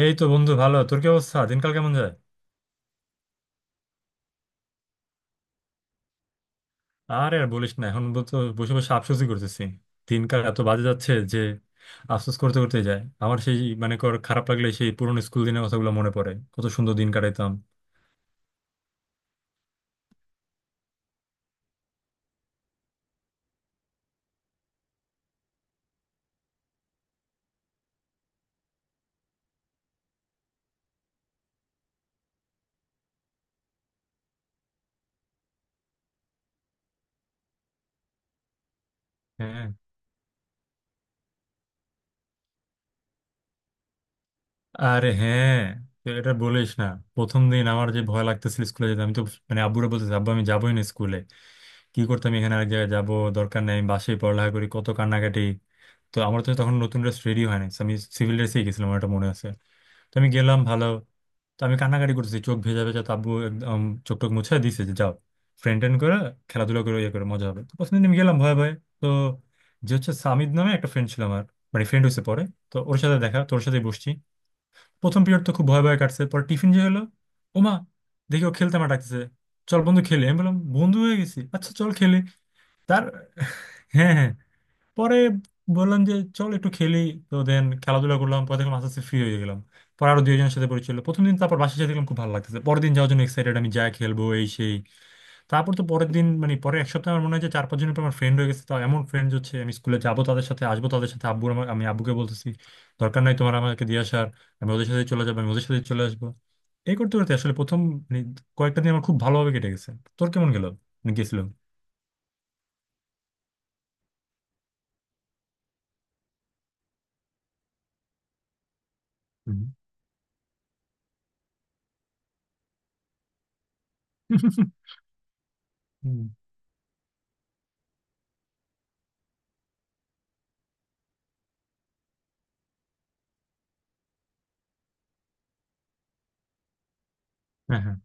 এই তো বন্ধু, ভালো। তোর কি অবস্থা? দিনকাল কেমন যায়? আর আর বলিস না, এখন তো বসে বসে আফসোসই করতেছি। দিনকাল এত বাজে যাচ্ছে যে আফসোস করতে করতে যায়। আমার সেই মানে কর খারাপ লাগলে সেই পুরোনো স্কুল দিনের কথাগুলো মনে পড়ে, কত সুন্দর দিন কাটাইতাম। হ্যাঁ। আরে হ্যাঁ, তো এটা বলিস না। প্রথম দিন আমার যে ভয় লাগতেছিল স্কুলে যেতে, আমি তো মানে আব্বুরা বলতেছি, আব্বু আমি যাবোই না স্কুলে, কি করতাম এখানে আরেক জায়গায় যাবো, দরকার নেই, আমি বাসায় পড়ালেখা করি, কত কান্নাকাটি। তো আমার তো তখন নতুন ড্রেস রেডি হয় নাই, so আমি সিভিল ড্রেসেই গেছিলাম, আমার এটা মনে আছে। তো আমি গেলাম, ভালো। তো আমি কান্নাকাটি করতেছি, চোখ ভেজা ভেজা, তো আব্বু একদম চোখ টোখ মুছে দিছে যে যাও, ফ্রেন্ড ট্রেন্ড করে, খেলাধুলা করে, ইয়ে করে, মজা হবে। তো প্রথম দিন আমি গেলাম ভয়ে ভয়ে। তো যে হচ্ছে সামিদ নামে একটা ফ্রেন্ড ছিল আমার, মানে ফ্রেন্ড হয়েছে পরে। তো ওর সাথে দেখা, তোর সাথে বসছি। প্রথম পিরিয়ড তো খুব ভয় ভয় কাটছে, পর টিফিন যে হলো, ওমা, দেখি ও খেলতে মাঠাচ্ছে, চল বন্ধু খেলি। আমি বললাম বন্ধু হয়ে গেছি, আচ্ছা চল খেলি। তার হ্যাঁ হ্যাঁ, পরে বললাম যে চল একটু খেলি। তো দেন খেলাধুলা করলাম, পরে দেখলাম আস্তে আস্তে ফ্রি হয়ে গেলাম। পরে আরো দুইজনের সাথে পরিচয় হলো প্রথম দিন, তারপর বাসায় সাথে দেখলাম খুব ভালো লাগতেছে, পরের দিন যাওয়ার জন্য এক্সাইটেড, আমি যা খেলবো এই সেই। তারপর তো পরের দিন মানে পরের এক সপ্তাহ আমার মনে হয় যে চার পাঁচ জন আমার ফ্রেন্ড হয়ে গেছে। তো এমন ফ্রেন্ড হচ্ছে, আমি স্কুলে যাবো তাদের সাথে, আসবো তাদের সাথে। আব্বু আমার, আমি আব্বুকে বলতেছি, দরকার নাই তোমার আমাকে দিয়ে আসার, আমি ওদের সাথে চলে যাবো, আমি ওদের সাথে চলে আসবো। এই করতে করতে আসলে প্রথম মানে কয়েকটা দিন আমার খুব ভালোভাবে কেটে গেছে। তোর কেমন গেল, মানে গেছিল? হুম। হুম। হ্যাঁ হ্যাঁ।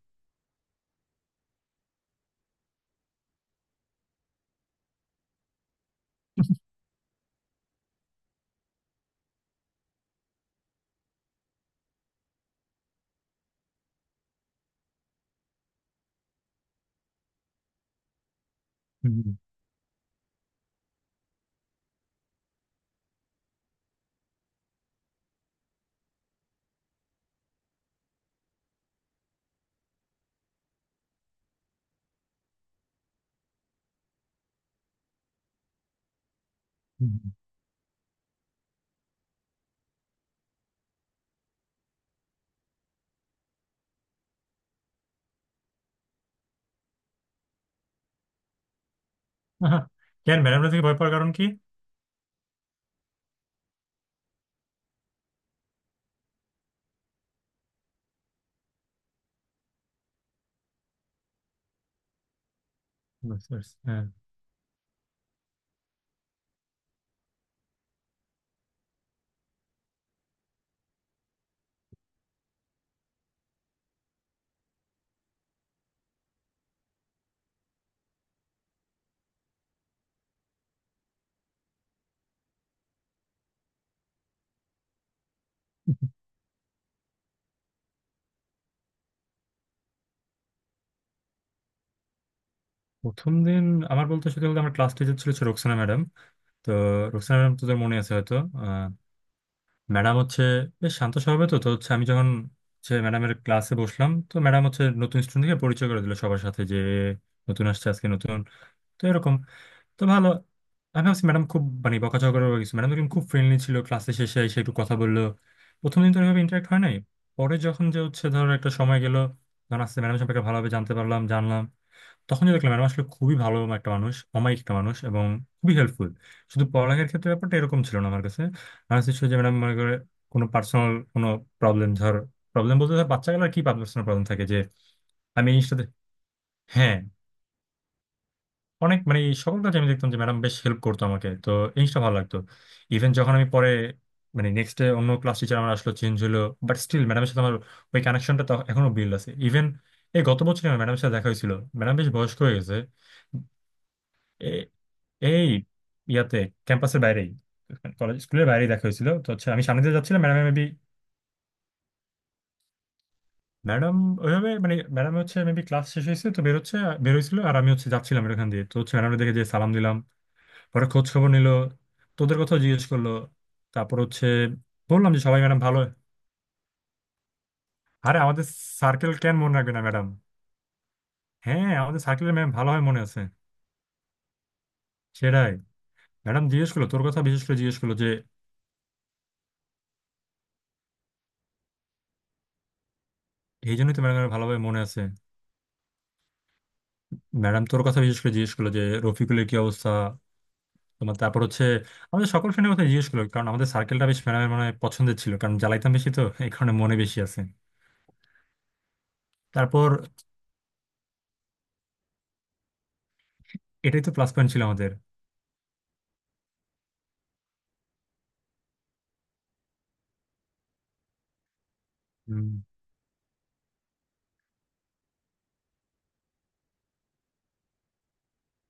হুম, হুম, হুম, হুম। আহা, কেন ম্যাডামরা থেকে ভয় পাওয়ার কারণ কি? বুঝতে পারছি, হ্যাঁ। প্রথম দিন আমার, বলতে সত্যি বলতে, আমার ক্লাস টিচার ছিল হচ্ছে রোকসানা ম্যাডাম। তো রোকসানা ম্যাডাম তোদের মনে আছে হয়তো, ম্যাডাম হচ্ছে বেশ শান্ত স্বভাবের। তো তো হচ্ছে আমি যখন হচ্ছে ম্যাডামের ক্লাসে বসলাম, তো ম্যাডাম হচ্ছে নতুন স্টুডেন্টকে পরিচয় করে দিল সবার সাথে যে নতুন আসছে আজকে নতুন, তো এরকম। তো ভালো, আমি ভাবছি ম্যাডাম খুব মানে বকাঝকা করে গেছে, ম্যাডাম কিন্তু খুব ফ্রেন্ডলি ছিল, ক্লাসে শেষে এসে একটু কথা বললো। প্রথম দিন তো ওইভাবে ইন্টারাক্ট হয় নাই। পরে যখন যে হচ্ছে, ধরো একটা সময় গেল, যখন আস্তে ম্যাডাম সম্পর্কে ভালোভাবে জানতে পারলাম, জানলাম, তখনই দেখলাম ম্যাডাম আসলে খুবই ভালো একটা মানুষ, অমায়িক একটা মানুষ এবং খুবই হেল্পফুল। শুধু পড়ালেখার ক্ষেত্রে ব্যাপারটা এরকম ছিল না আমার কাছে, আমার কাছে ছিল যে ম্যাডাম মনে করে কোনো পার্সোনাল কোনো প্রবলেম, ধর প্রবলেম বলতে ধর বাচ্চা গেলার কি পার্সোনাল প্রবলেম থাকে যে, আমি এই জিনিসটাতে হ্যাঁ অনেক মানে এই সকল কাজে আমি দেখতাম যে ম্যাডাম বেশ হেল্প করতো আমাকে। তো এই জিনিসটা ভালো লাগতো। ইভেন যখন আমি পরে মানে নেক্সট ডে অন্য ক্লাস টিচার আমার আসলো, চেঞ্জ হলো, বাট স্টিল ম্যাডামের সাথে আমার ওই কানেকশনটা এখনো বিল্ড আছে। ইভেন এই গত বছর ম্যাডামের সাথে দেখা হয়েছিল, ম্যাডাম বেশ বয়স্ক হয়ে গেছে। এ- এই ইয়াতে, ক্যাম্পাসের বাইরেই, কলেজ স্কুলের বাইরেই দেখা হয়েছিল। তো হচ্ছে আমি সামনে দিয়ে যাচ্ছিলাম, ম্যাডাম মেবি, ম্যাডাম ওইভাবে মানে ম্যাডাম হচ্ছে মেবি ক্লাস শেষ হয়েছে তো বেরোচ্ছে, বেরোইছিল, আর আমি হচ্ছে যাচ্ছিলাম এখান দিয়ে, তো হচ্ছে ম্যাডাম দেখে, যে সালাম দিলাম, পরে খোঁজ খবর নিল, তোদের কথাও জিজ্ঞেস করলো। তারপর হচ্ছে বললাম যে সবাই ম্যাডাম ভালো। আরে আমাদের সার্কেল কেন মনে রাখবে না ম্যাডাম। হ্যাঁ আমাদের সার্কেলের ম্যাম ভালো হয় মনে আছে। সেটাই। ম্যাডাম জিজ্ঞেস করলো তোর কথা বিশেষ করে জিজ্ঞেস করলো যে, এই জন্যই তো ম্যাডামের ভালোভাবে মনে আছে। ম্যাডাম তোর কথা বিশেষ করে জিজ্ঞেস করলো যে রফিকুলের কি অবস্থা, তোমার, তারপর হচ্ছে আমাদের সকল ফ্রেন্ডের কথা জিজ্ঞেস করলো, কারণ আমাদের সার্কেলটা বেশ ম্যাডামের মানে পছন্দের ছিল, কারণ জ্বালাইতাম বেশি তো এই কারণে মনে বেশি আছে। তারপর এটাই তো প্লাস পয়েন্ট ছিল আমাদের। উম,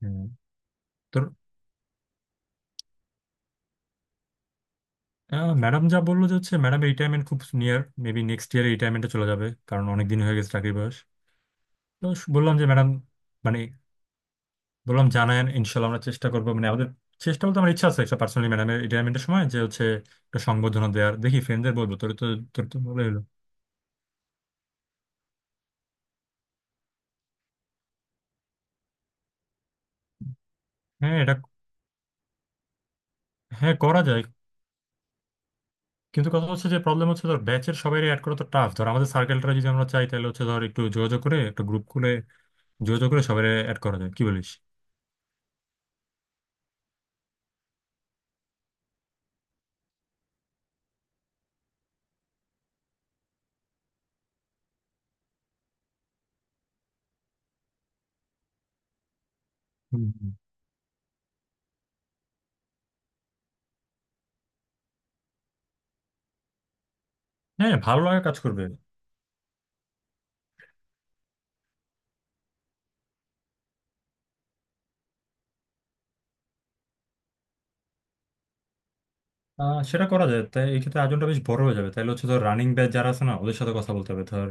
হ্যাঁ। তোর, ম্যাডাম যা বললো যে হচ্ছে ম্যাডামের রিটায়ারমেন্ট খুব নিয়ার, মেবি নেক্সট ইয়ারে রিটায়ারমেন্টে চলে যাবে, কারণ অনেক দিন হয়ে গেছে চাকরি, বয়স। বললাম যে ম্যাডাম মানে বললাম জানায়েন, ইনশাল্লাহ আমরা চেষ্টা করবো মানে আমাদের, চেষ্টা বলতে আমার ইচ্ছা আছে একটা পার্সোনালি ম্যাডামের রিটায়ারমেন্টের সময় যে হচ্ছে একটা সংবর্ধনা দেওয়ার, দেখি ফ্রেন্ডদের বলবো। তোর তো বলে এলো। হ্যাঁ এটা, হ্যাঁ করা যায়। কিন্তু কথা হচ্ছে যে প্রবলেম হচ্ছে ধর ব্যাচের সবাই অ্যাড করা তো টাফ, ধর আমাদের সার্কেলটা যদি আমরা চাই তাহলে হচ্ছে ধর একটু যোগাযোগ করে একটা গ্রুপ খুলে যোগাযোগ করে সবাই অ্যাড করা যায়, কি বলিস? হুম, হুম। হ্যাঁ ভালো লাগা কাজ করবে। আহ, সেটা করা যায়, তাই এই ক্ষেত্রে আয়োজনটা বেশ বড় হয়ে যাবে, তাহলে হচ্ছে ধর রানিং ব্যাচ যারা আছে না ওদের সাথে কথা বলতে হবে, ধর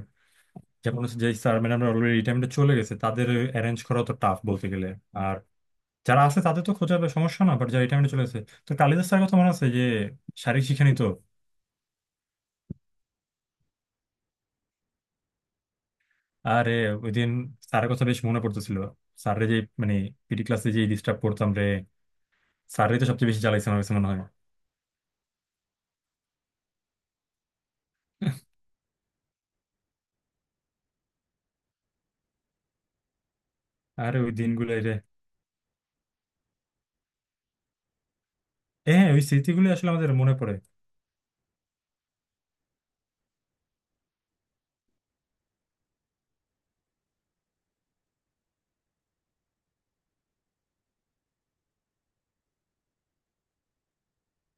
যেমন হচ্ছে যে স্যার ম্যাডামরা অলরেডি রিটায়ারমেন্টে চলে গেছে তাদের অ্যারেঞ্জ করা তো টাফ বলতে গেলে। আর যারা আছে তাদের তো খোঁজার সমস্যা না, বাট যারা রিটায়ারমেন্টে চলে গেছে। তো কালিদাস স্যার কথা মনে আছে যে শারীরিক শিক্ষা নিত। আরে ওই দিন স্যারের কথা বেশ মনে পড়তেছিল, স্যাররে যে মানে পিটি ক্লাসে যে ডিস্টার্ব করতাম রে, স্যাররে তো সবচেয়ে বেশি জ্বালাইছে আমার কাছে মনে হয়। আরে ওই দিনগুলো রে। হ্যাঁ ওই স্মৃতিগুলো আসলে আমাদের মনে পড়ে।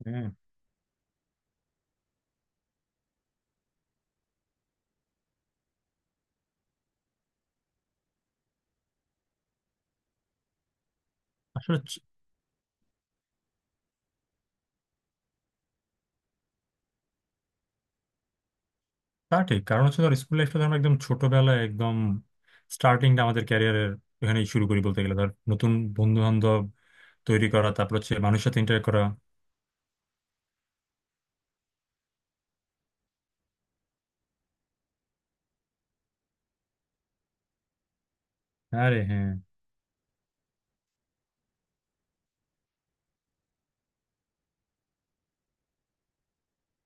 হ্যাঁ। আসলে তা ঠিক, কারণ হচ্ছে ধর স্কুল লাইফটা আমরা একদম ছোটবেলায় একদম, স্টার্টিংটা আমাদের ক্যারিয়ারের এখানেই শুরু করি বলতে গেলে, ধর নতুন বন্ধু বান্ধব তৈরি করা, তারপর হচ্ছে মানুষের সাথে ইন্টারেক্ট করা। আরে হ্যাঁ।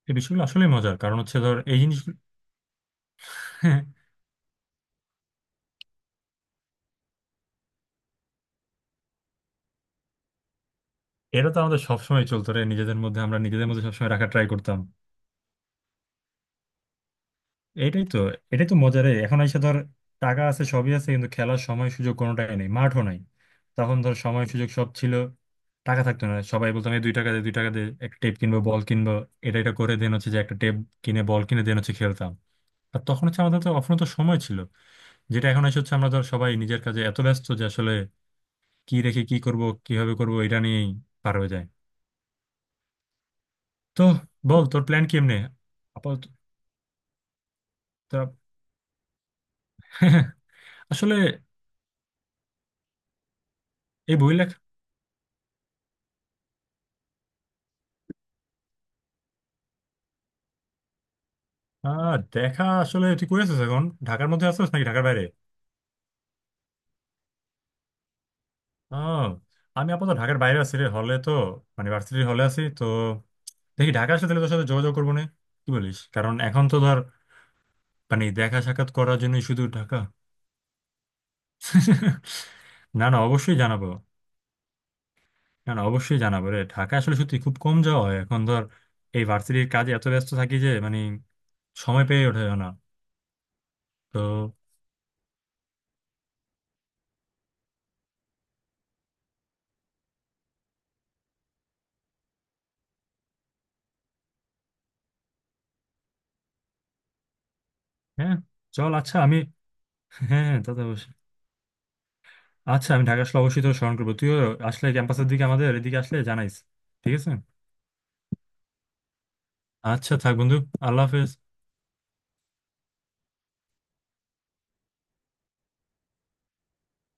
এই বিষয়গুলো আসলে মজার, কারণ হচ্ছে ধর এই জিনিসগুলো এটা তো আমাদের সবসময় চলতো রে, নিজেদের মধ্যে আমরা নিজেদের মধ্যে সবসময় রাখা ট্রাই করতাম। এটাই তো, এটাই তো মজার এই। এখন এসে ধর টাকা আছে, সবই আছে, কিন্তু খেলার সময় সুযোগ কোনোটাই নেই, মাঠও নাই। তখন ধর সময় সুযোগ সব ছিল, টাকা থাকতো না, সবাই বলতাম এই দুই টাকা দে, দুই টাকা দে, একটা টেপ কিনবো, বল কিনবো। এটা এটা করে দেন হচ্ছে যে একটা টেপ কিনে বল কিনে দেন হচ্ছে খেলতাম। আর তখন হচ্ছে আমাদের তো অফুরন্ত সময় ছিল, যেটা এখন এসে হচ্ছে আমরা ধর সবাই নিজের কাজে এত ব্যস্ত যে আসলে কি রেখে কি করব, কিভাবে করব এটা নিয়েই পার হয়ে যায়। তো বল তোর প্ল্যান কেমনে আপাতত। তোরা- আসলে এই বই লেখা। আহ, দেখা, আসলে তুই কই আছিস এখন, ঢাকার মধ্যে আছিস নাকি ঢাকার বাইরে? আহ, আমি আপাতত ঢাকার বাইরে আছি রে, হলে তো, মানে ভার্সিটির হলে আছি তো। দেখি ঢাকা আসলে তাহলে তোর সাথে যোগাযোগ করবো না, কি বলিস, কারণ এখন তো ধর মানে দেখা সাক্ষাৎ করার জন্যই শুধু ঢাকা। না না অবশ্যই জানাবো, না না অবশ্যই জানাবো রে, ঢাকা আসলে সত্যি খুব কম যাওয়া হয় এখন, ধর এই ভার্সিটির কাজে এত ব্যস্ত থাকি যে মানে সময় পেয়ে ওঠে না। তো হ্যাঁ, চল, আচ্ছা আমি, হ্যাঁ হ্যাঁ তা তো অবশ্যই। আচ্ছা আমি ঢাকা আসলে অবশ্যই তোর স্মরণ করবো, তুইও আসলে ক্যাম্পাসের দিকে আমাদের এদিকে আসলে জানাইস। ঠিক আছে। আচ্ছা থাক বন্ধু, আল্লাহ হাফেজ।